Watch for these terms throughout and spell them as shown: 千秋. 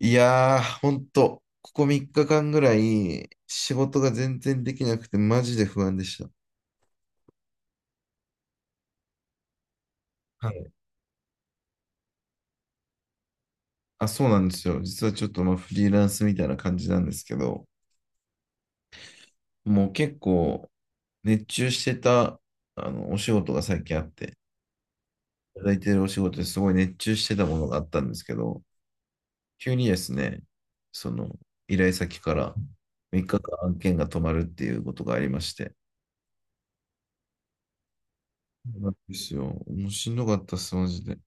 いやー、ほんと、ここ3日間ぐらい仕事が全然できなくてマジで不安でした。はい。あ、そうなんですよ。実はちょっとまあフリーランスみたいな感じなんですけど、もう結構熱中してたあのお仕事が最近あって、いただいてるお仕事ですごい熱中してたものがあったんですけど、急にですね、その依頼先から3日間案件が止まるっていうことがありまして、そうなんですよ。もうしんどかったっす、マジで。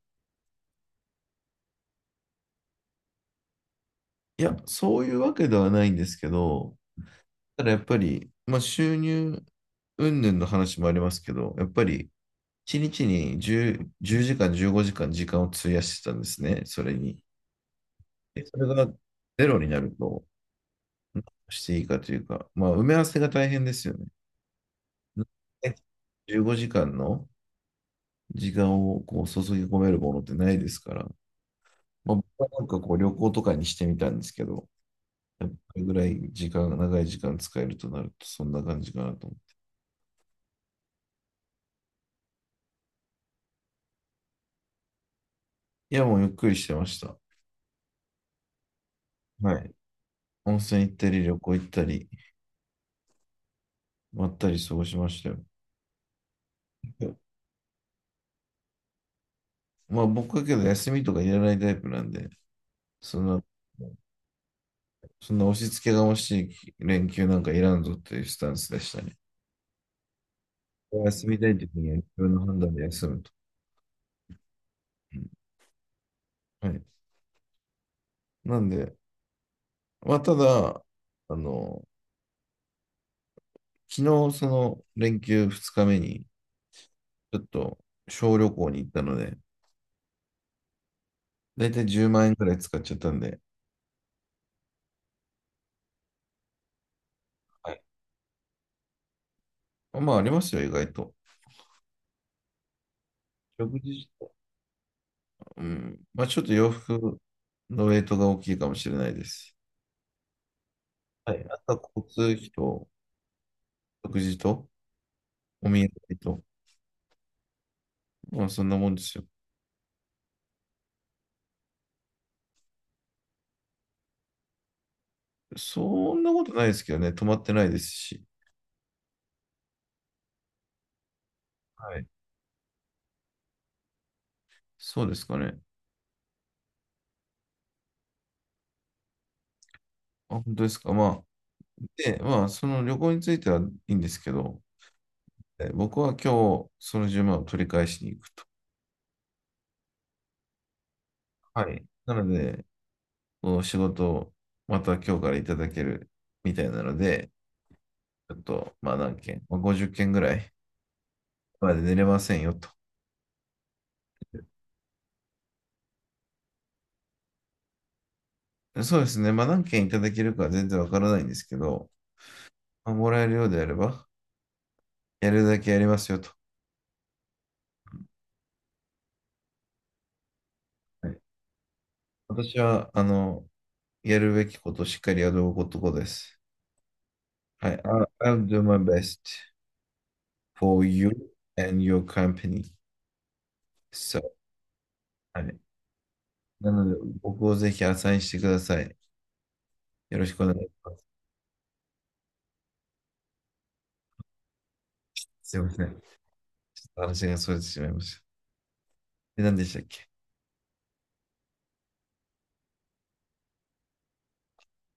いや、そういうわけではないんですけど、ただやっぱり、まあ、収入云々の話もありますけど、やっぱり1日に10、時間、15時間を費やしてたんですね、それに。でそれがゼロになると、何をしていいかというか、まあ、埋め合わせが大変ですよね。ね。15時間の時間をこう注ぎ込めるものってないですから、まあ、僕はなんかこう旅行とかにしてみたんですけど、やっぱりぐらい時間、長い時間使えるとなると、そんな感じかなと思う。いや、もうゆっくりしてました。はい。温泉行ったり、旅行行ったり、まったり過ごしましたよ。いや、まあ僕はけど休みとかいらないタイプなんで、そんな、そんな押し付けがましい連休なんかいらんぞっていうスタンスでしたね。休みたい時には自分の判断で休むと。うん。はい。なんで、まあただ、あの、昨日その連休2日目に、ちょっと小旅行に行ったので、だいたい10万円くらい使っちゃったんで、はい。まあありますよ、意外と。食事。うん。まあ、ちょっと洋服のウェイトが大きいかもしれないです。はい。あとは交通費と、食事と、お土産と、まあ、そんなもんですよ。そんなことないですけどね、泊まってないですし。はい。そうですかね。あ、本当ですか。まあ、で、まあ、その旅行についてはいいんですけど、僕は今日、その1万を取り返しに行くと。はい。なので、こう仕事をまた今日からいただけるみたいなので、ちょっと、まあ何件、まあ、50件ぐらいまで寝れませんよと。そうですね。まあ何件いただけるかは全然わからないんですけど、まあもらえるようであれば、やるだけやりますよと。はい。私は、やるべきことをしっかりやることです。はい。I'll do my best for you and your company. So, はい。なので、僕をぜひアサインしてください。よろしくお願いします。すいません。ちょっと話が逸れてしまいました。で、何でしたっけ？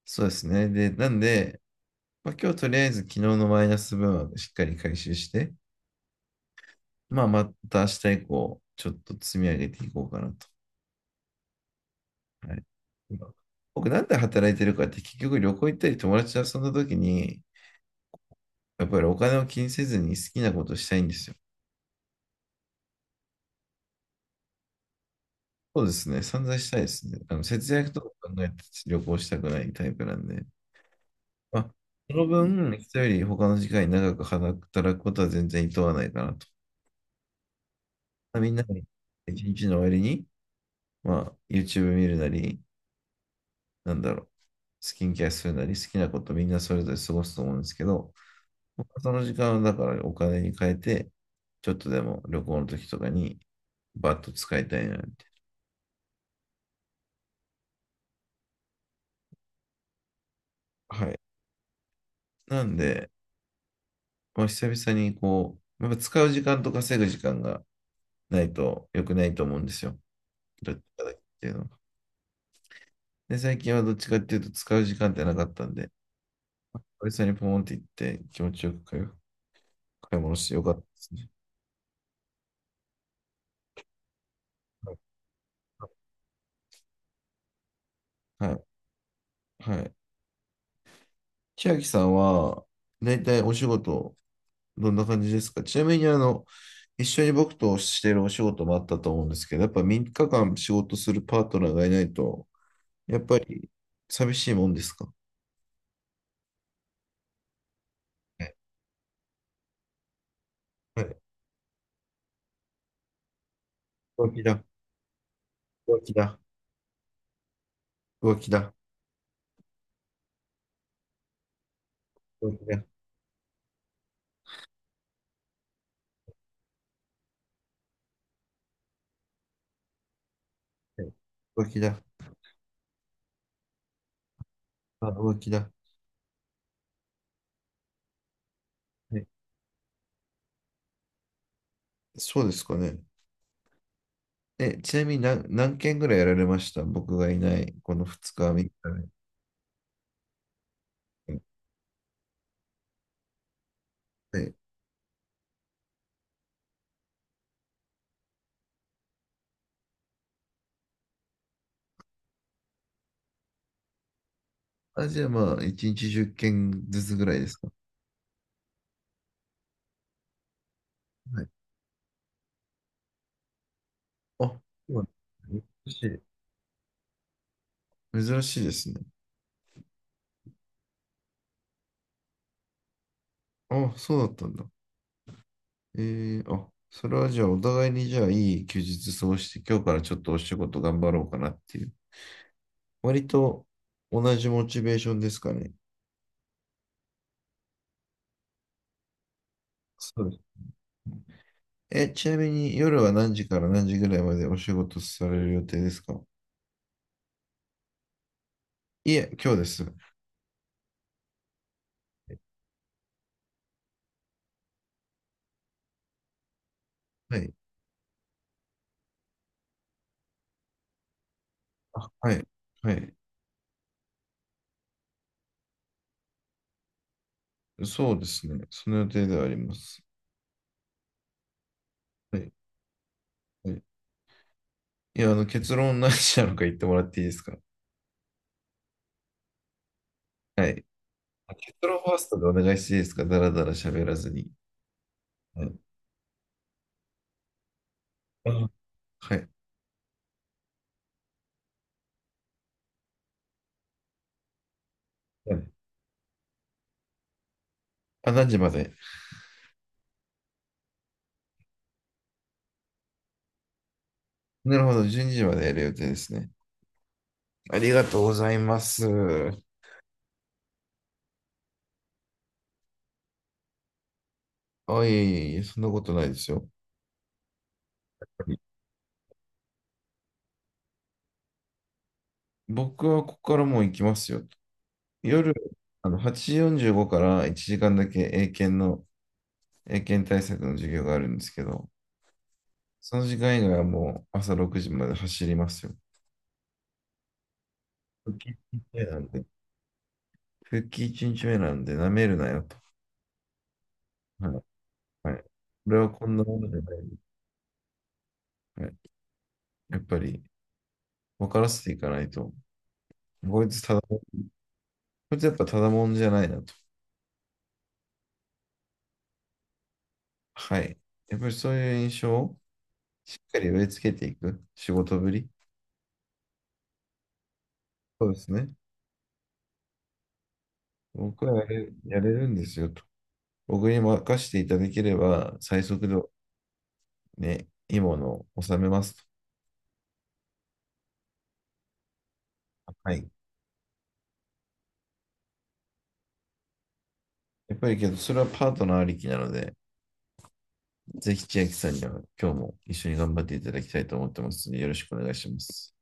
そうですね。で、なんで、まあ、今日とりあえず昨日のマイナス分はしっかり回収して、まあ、また明日以降、ちょっと積み上げていこうかなと。はい、僕、なんで働いてるかって、結局旅行行ったり友達と遊んだ時に、やっぱりお金を気にせずに好きなことしたいんですよ。そうですね、散々したいですね。節約とか考えて旅行したくないタイプなんで。まあ、その分、人より他の時間に長く働くことは全然厭わないかなと。みんなに一日の終わりに、まあ、YouTube 見るなり、なんだろう、スキンケアするなり好きなことみんなそれぞれ過ごすと思うんですけど、その時間をだからお金に変えて、ちょっとでも旅行の時とかにバッと使いたいなって。はい。なんで、まあ、久々にこう、やっぱ使う時間と稼ぐ時間がないと良くないと思うんですよ。どっちかだけっていうのが。で、最近はどっちかっていうと使う時間ってなかったんで、久々にポーンって行って気持ちよく買い物してよかったですね。はい。はい。はい。千秋さんは、だいたいお仕事、どんな感じですか？ちなみに、一緒に僕としてるお仕事もあったと思うんですけど、やっぱ3日間仕事するパートナーがいないと、やっぱり寂しいもんですか？はい。はい。浮気だ、浮気だ、浮気だ、浮気だ、はい、浮気だ、あ、浮気だ。はい。そうですかね。え、ちなみに何件ぐらいやられました？僕がいない、この2日、3日で。はい。あ、じゃあまあ、1日10件ずつぐらいですか？はい。あ、そうなんですね。珍しい。珍しいですね。あ、そうだったんだ。あ、それはじゃあお互いにじゃあいい休日過ごして、今日からちょっとお仕事頑張ろうかなっていう。割と同じモチベーションですかね。そうです。え、ちなみに夜は何時から何時ぐらいまでお仕事される予定ですか？いえ、今日です。はい。あ、はい。はい。そうですね。その予定ではあります。はい。はい。いや、結論何時なのか言ってもらっていいですか？はい。結論ファーストでお願いしていいですか？だらだら喋らずに。はい。はい。はい。あ、何時まで？なるほど、12時までやる予定ですね。ありがとうございます。あ、いえいえいえ、そんなことないですよ。僕はここからもう行きますよ。夜、8時45から1時間だけ英検対策の授業があるんですけど、その時間以外はもう朝6時まで走りますよ。復帰1日目なんで、復帰1日目なんで、舐めるなよと。はい。はい。これはこんなものじゃない。はい。やっぱり、分からせていかないと、こいつたこれってやっぱただもんじゃないなと。はい。やっぱりそういう印象をしっかり植え付けていく仕事ぶり。そうですね。僕はやれるんですよと。僕に任せていただければ最速でね、いいものを収めますと。はい。やっぱりけど、それはパートナーありきなので、ぜひ千秋さんには今日も一緒に頑張っていただきたいと思ってますので、よろしくお願いします。